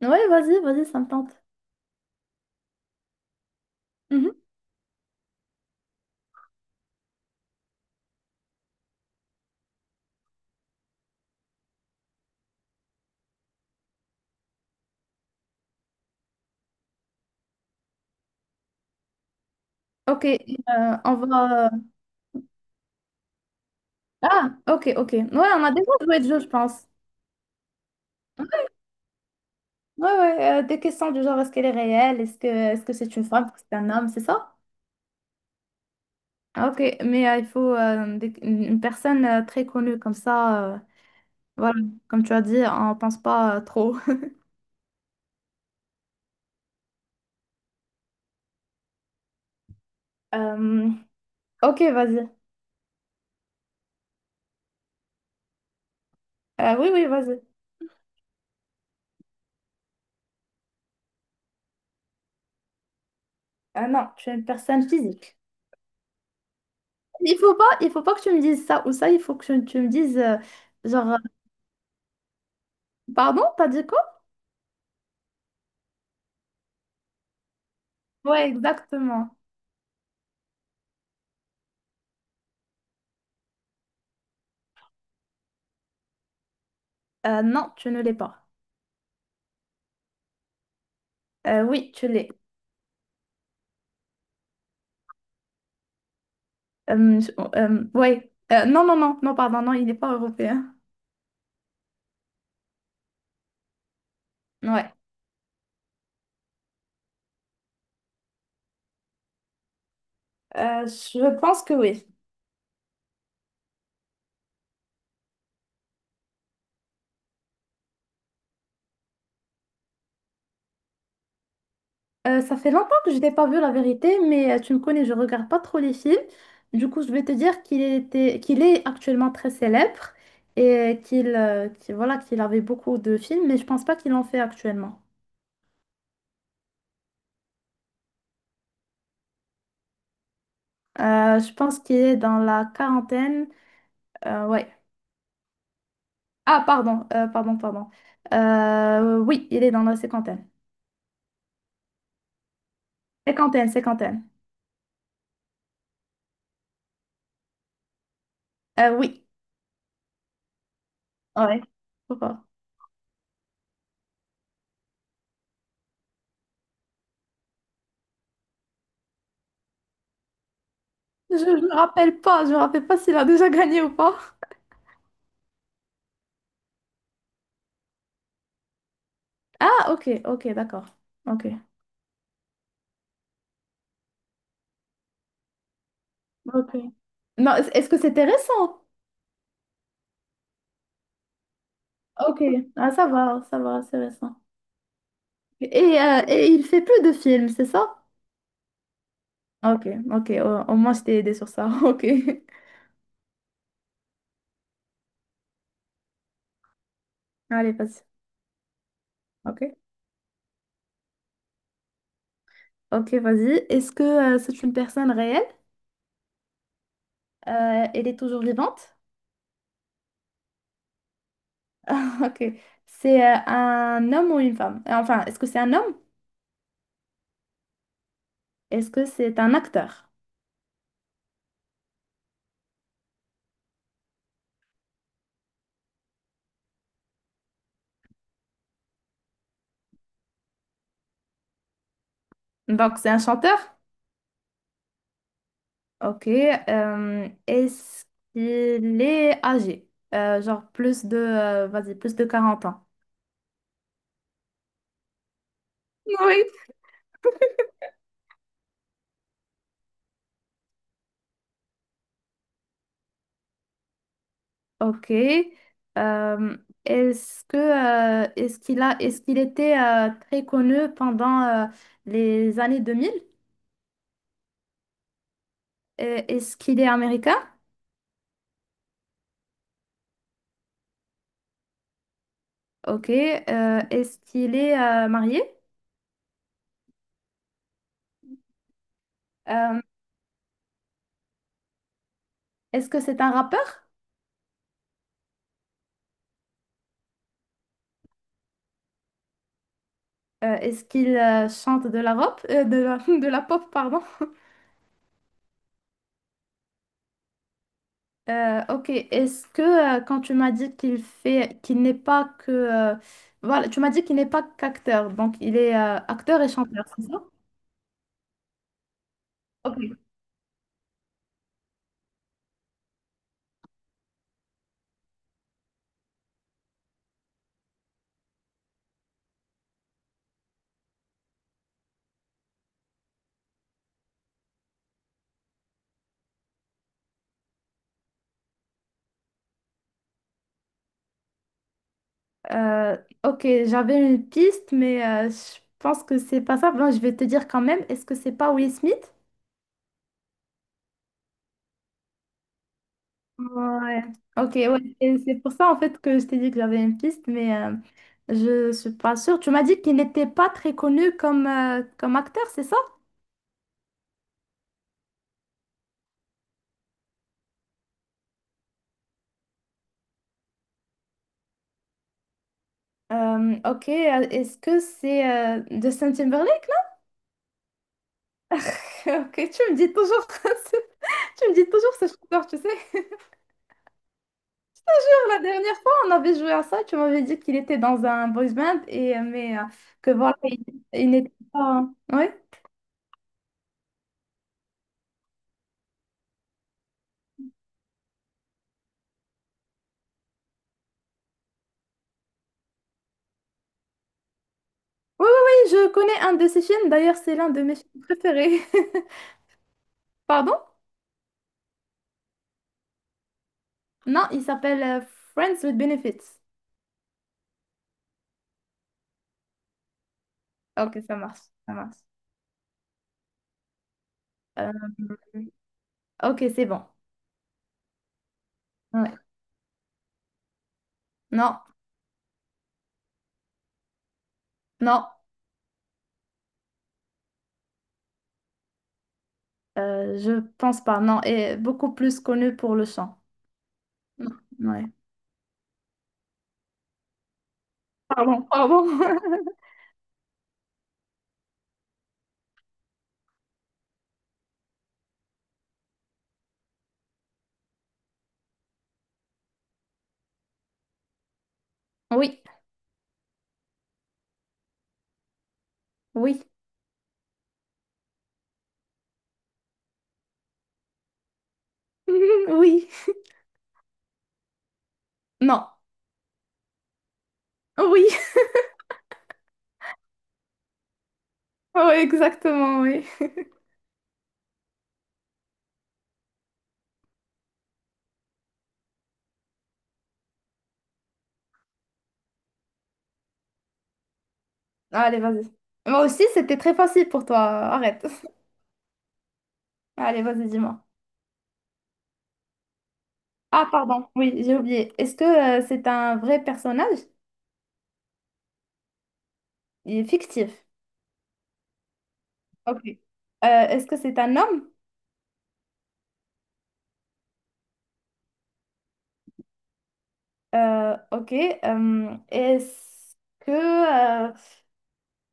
Ouais, vas-y, vas-y, ça me tente. Mhm. Ok, on va. Ah, ok, ok. Ouais, on a déjà joué le jeu, je pense. Ouais, ouais, des questions du genre, est-ce qu'elle est réelle? Est-ce que c'est une femme? Est-ce que c'est un homme? C'est ça? Ah, ok, mais il faut une personne très connue, comme ça, voilà, comme tu as dit, on pense pas trop. Euh, ok, vas-y. Oui, oui, vas-y. Ah non, tu es une personne physique. Il faut pas que tu me dises ça ou ça, il faut que tu me dises, genre, pardon, t'as dit quoi? Ouais, exactement. Non, tu ne l'es pas. Oui, tu l'es. Euh, ouais. Non, non, non, non, pardon, non, il n'est pas européen. Ouais. Je pense que oui. Ça fait longtemps que je n'ai pas vu la vérité, mais tu me connais, je regarde pas trop les films. Du coup, je vais te dire qu'il était, qu'il est actuellement très célèbre et voilà, qu'il avait beaucoup de films, mais je pense pas qu'il en fait actuellement. Je pense qu'il est dans la quarantaine. Ouais. Ah, pardon, pardon, pardon. Oui, il est dans la cinquantaine. Cinquantaine, cinquantaine. Oui, ouais. Faut pas. Je ne me rappelle pas, je me rappelle pas s'il a déjà gagné ou pas. Ah, ok, ok, d'accord. Ok. Ok. Non, est-ce que c'était récent? Ok, ah, ça va, c'est récent. Et, et il fait plus de films, c'est ça? Ok, ok, au moins je t'ai aidé sur ça. Ok. Allez, vas-y. Ok. Ok, vas-y. Est-ce que c'est une personne réelle? Elle est toujours vivante? Ok. C'est un homme ou une femme? Enfin, est-ce que c'est un homme? Est-ce que c'est un acteur? Donc, c'est un chanteur? Ok. Est-ce qu'il est âgé? Genre plus de, vas-y, plus de 40 ans. Oui. Ok. Euh, Est-ce que, est-ce qu'il était très connu pendant les années 2000? Est-ce qu'il est américain? Ok. Est-ce qu'il est marié? Euh, Est-ce que c'est un rappeur? Est-ce qu'il chante de la rap, de la, de la pop, pardon? Ok, est-ce que quand tu m'as dit qu'il fait, qu'il n'est pas que, voilà, tu m'as dit qu'il n'est pas qu'acteur, donc il est acteur et chanteur, c'est ça? Ok. Euh, ok, j'avais une piste, mais je pense que c'est pas ça. Bon, je vais te dire quand même, est-ce que c'est pas Will Smith? Ouais. Ok, ouais. Et c'est pour ça en fait que je t'ai dit que j'avais une piste, mais je suis pas sûre. Tu m'as dit qu'il n'était pas très connu comme acteur, c'est ça? Ok, est-ce que c'est Justin Timberlake là? Ok, tu me dis toujours, tu me dis toujours ce chanteur, tu sais. La dernière fois, on avait joué à ça, tu m'avais dit qu'il était dans un boys band, mais que voilà, il n'était pas. Ouais. Oui, oui, oui, je connais un de ses films, d'ailleurs, c'est l'un de mes films préférés. Pardon? Non, il s'appelle Friends with Benefits. Ok, ça marche, ça marche. Euh, ok, c'est bon. Ouais. Non, non, je pense pas. Non, et beaucoup plus connu pour le chant. Non, ouais. Pardon, pardon. Oui, oui, oui. Non, oui. Oui, exactement, oui. Allez, vas-y. Moi aussi, c'était très facile pour toi. Arrête. Allez, vas-y, dis-moi. Ah, pardon, oui, j'ai oublié. Est-ce que c'est un vrai personnage? Il est fictif. Ok. Est-ce que c'est un homme? Ok. Est-ce que euh,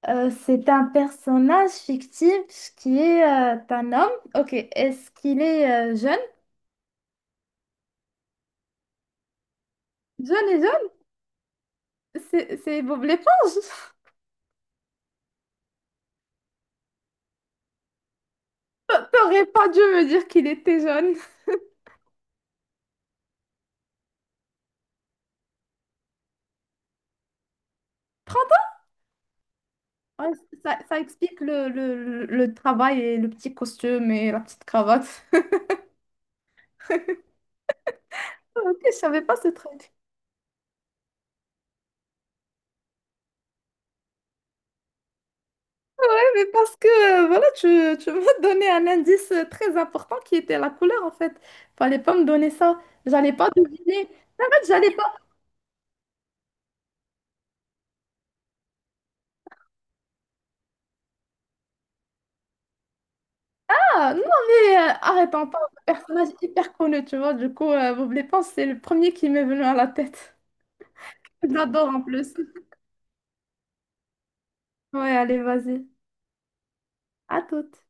c'est un personnage fictif qui est un homme? Ok. Est-ce qu'il est jeune? Jeune et jeune? C'est Bob l'éponge. T'aurais pas dû me dire qu'il était jeune. 30 ans? Ouais, ça explique le travail et le petit costume et la petite cravate. Ok, je savais pas ce truc. Mais parce que, voilà, tu m'as donné un indice très important qui était la couleur, en fait. Fallait pas me donner ça. J'allais pas deviner. En fait, j'allais pas. Ah, non, mais arrête, on parle de personnage hyper connu, tu vois. Du coup, Bob l'éponge, c'est le premier qui m'est venu à la tête. J'adore en plus. Ouais, allez, vas-y. À toute.